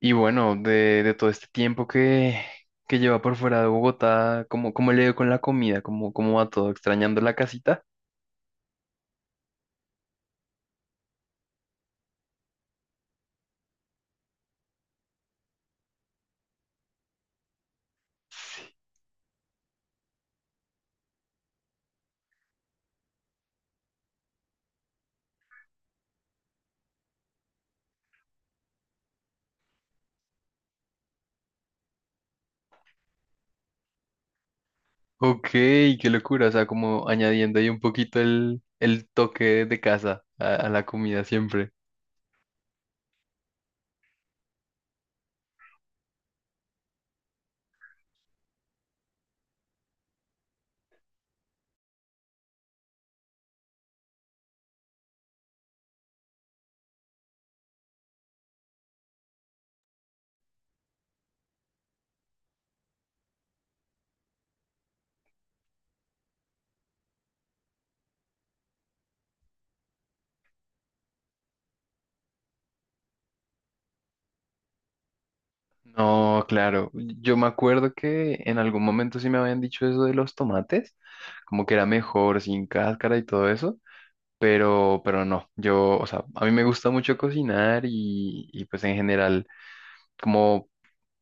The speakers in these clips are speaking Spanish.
Y bueno, de todo este tiempo que lleva por fuera de Bogotá, cómo le dio con la comida? Cómo va todo? ¿Extrañando la casita? Ok, qué locura. O sea, como añadiendo ahí un poquito el toque de casa a la comida siempre. No, claro. Yo me acuerdo que en algún momento sí me habían dicho eso de los tomates, como que era mejor sin cáscara y todo eso. Pero no, yo, o sea, a mí me gusta mucho cocinar y pues en general como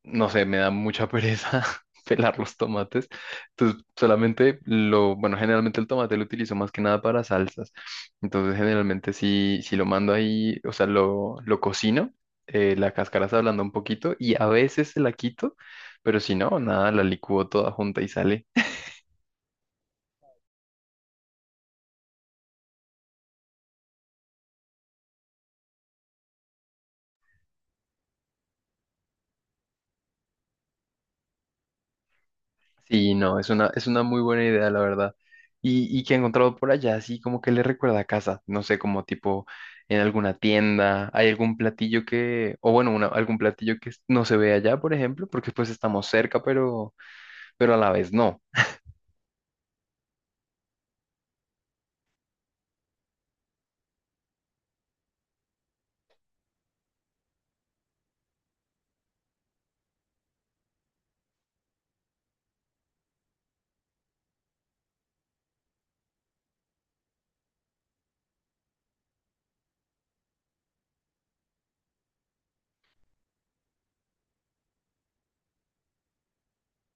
no sé, me da mucha pereza pelar los tomates. Entonces, solamente lo, bueno, generalmente el tomate lo utilizo más que nada para salsas. Entonces, generalmente si lo mando ahí, o sea, lo cocino, la cáscara se ablanda un poquito y a veces se la quito, pero si no, nada, la licúo toda junta y sale. Sí, no, es una muy buena idea, la verdad. Y que he encontrado por allá, así como que le recuerda a casa, no sé, como tipo en alguna tienda, hay algún platillo que, o bueno, algún platillo que no se ve allá, por ejemplo, porque pues estamos cerca, pero a la vez no.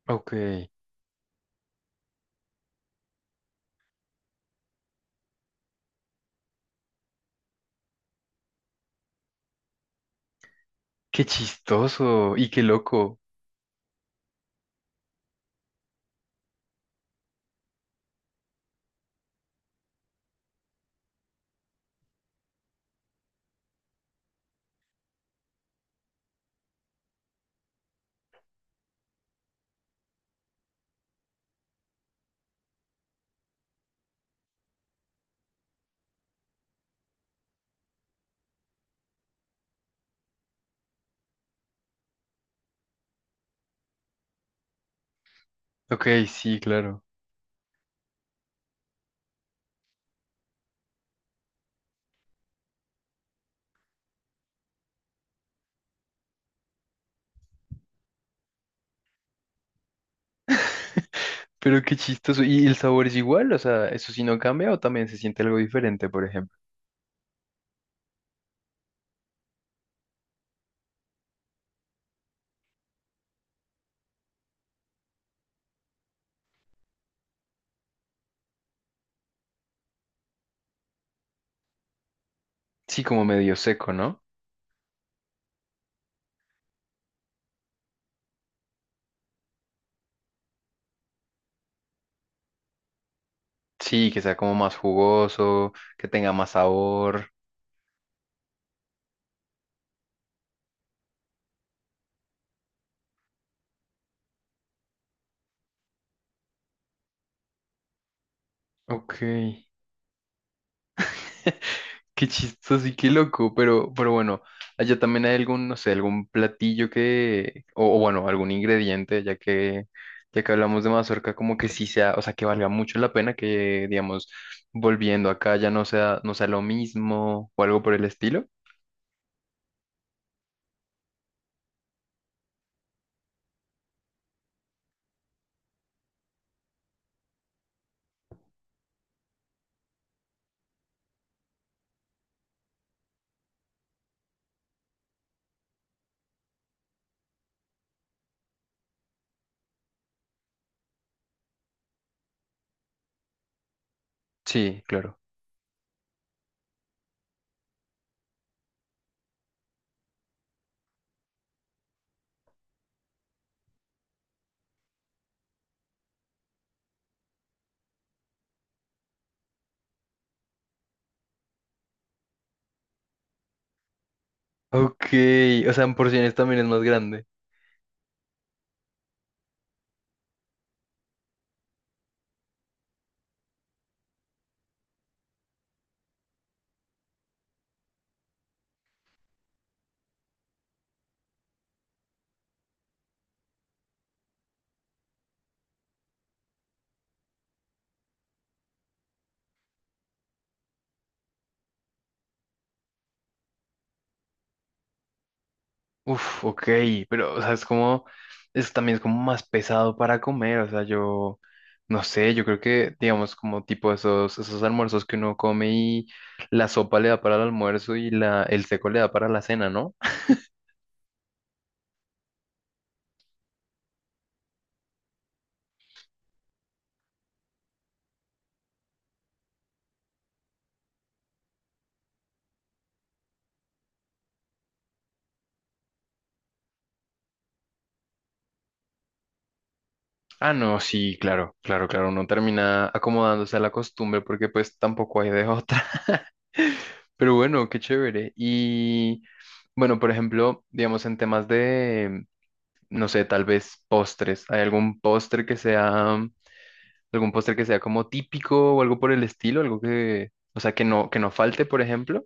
Ok, qué chistoso y qué loco. Ok, sí, claro. Pero qué chistoso. ¿Y el sabor es igual? O sea, ¿eso sí no cambia o también se siente algo diferente, por ejemplo? Sí, como medio seco, ¿no? Sí, que sea como más jugoso, que tenga más sabor. Ok. Qué chistoso y qué loco, pero bueno, allá también hay algún, no sé, algún platillo que, o bueno, algún ingrediente, ya que hablamos de mazorca, como que sí sea, o sea, que valga mucho la pena que, digamos, volviendo acá ya no sea, no sea lo mismo o algo por el estilo. Sí, claro. Ok, o sea, en porciones también es más grande. Uf, ok, pero, o sea, es como, es también es como más pesado para comer, o sea, yo, no sé, yo creo que, digamos, como tipo esos, esos almuerzos que uno come y la sopa le da para el almuerzo y la, el seco le da para la cena, ¿no? Ah, no, sí, claro, claro, claro, uno termina acomodándose a la costumbre porque pues tampoco hay de otra. Pero bueno, qué chévere. Y bueno, por ejemplo, digamos en temas de, no sé, tal vez postres. ¿Hay algún postre que sea algún postre que sea como típico o algo por el estilo, algo que, o sea, que no falte, por ejemplo?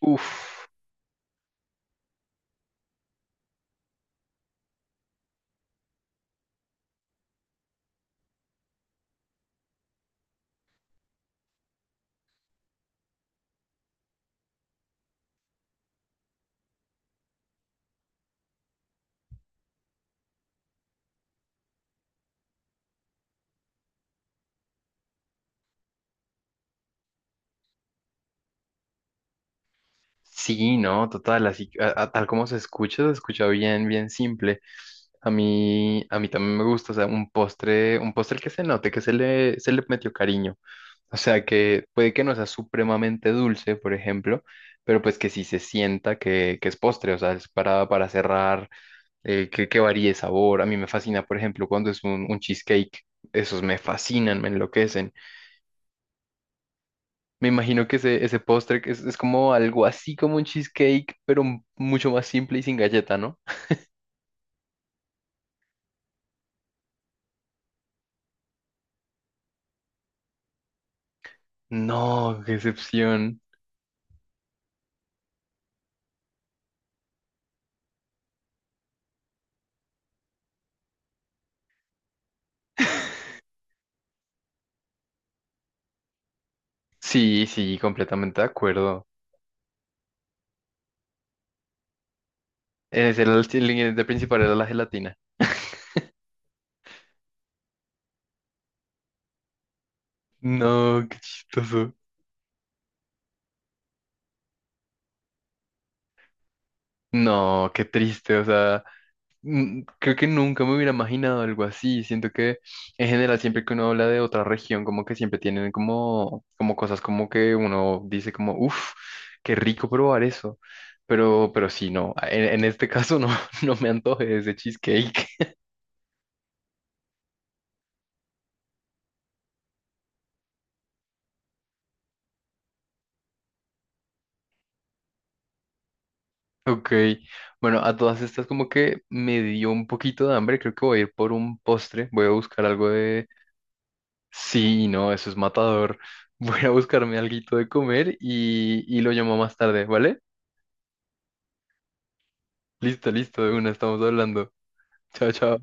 Uf, sí, no, total, así, tal como se escucha bien, bien simple. A mí también me gusta, o sea, un postre que se note, que se le metió cariño. O sea, que puede que no sea supremamente dulce, por ejemplo, pero pues que sí se sienta que es postre, o sea, es para cerrar. Que varíe sabor. A mí me fascina, por ejemplo, cuando es un cheesecake. Esos me fascinan, me enloquecen. Me imagino que ese postre que es como algo así como un cheesecake, pero mucho más simple y sin galleta, ¿no? No, qué excepción. Sí, sí, completamente de acuerdo. Es el ingrediente principal era la gelatina. No, qué chistoso. No, qué triste, o sea. Mm, creo que nunca me hubiera imaginado algo así. Siento que en general siempre que uno habla de otra región, como que siempre tienen como, como cosas como que uno dice como, uff, qué rico probar eso. Pero sí, no, en este caso no, no me antoje ese cheesecake. Ok, bueno, a todas estas como que me dio un poquito de hambre. Creo que voy a ir por un postre. Voy a buscar algo de... Sí, no, eso es matador. Voy a buscarme alguito de comer y lo llamo más tarde, ¿vale? Listo, listo, de una, estamos hablando. Chao, chao.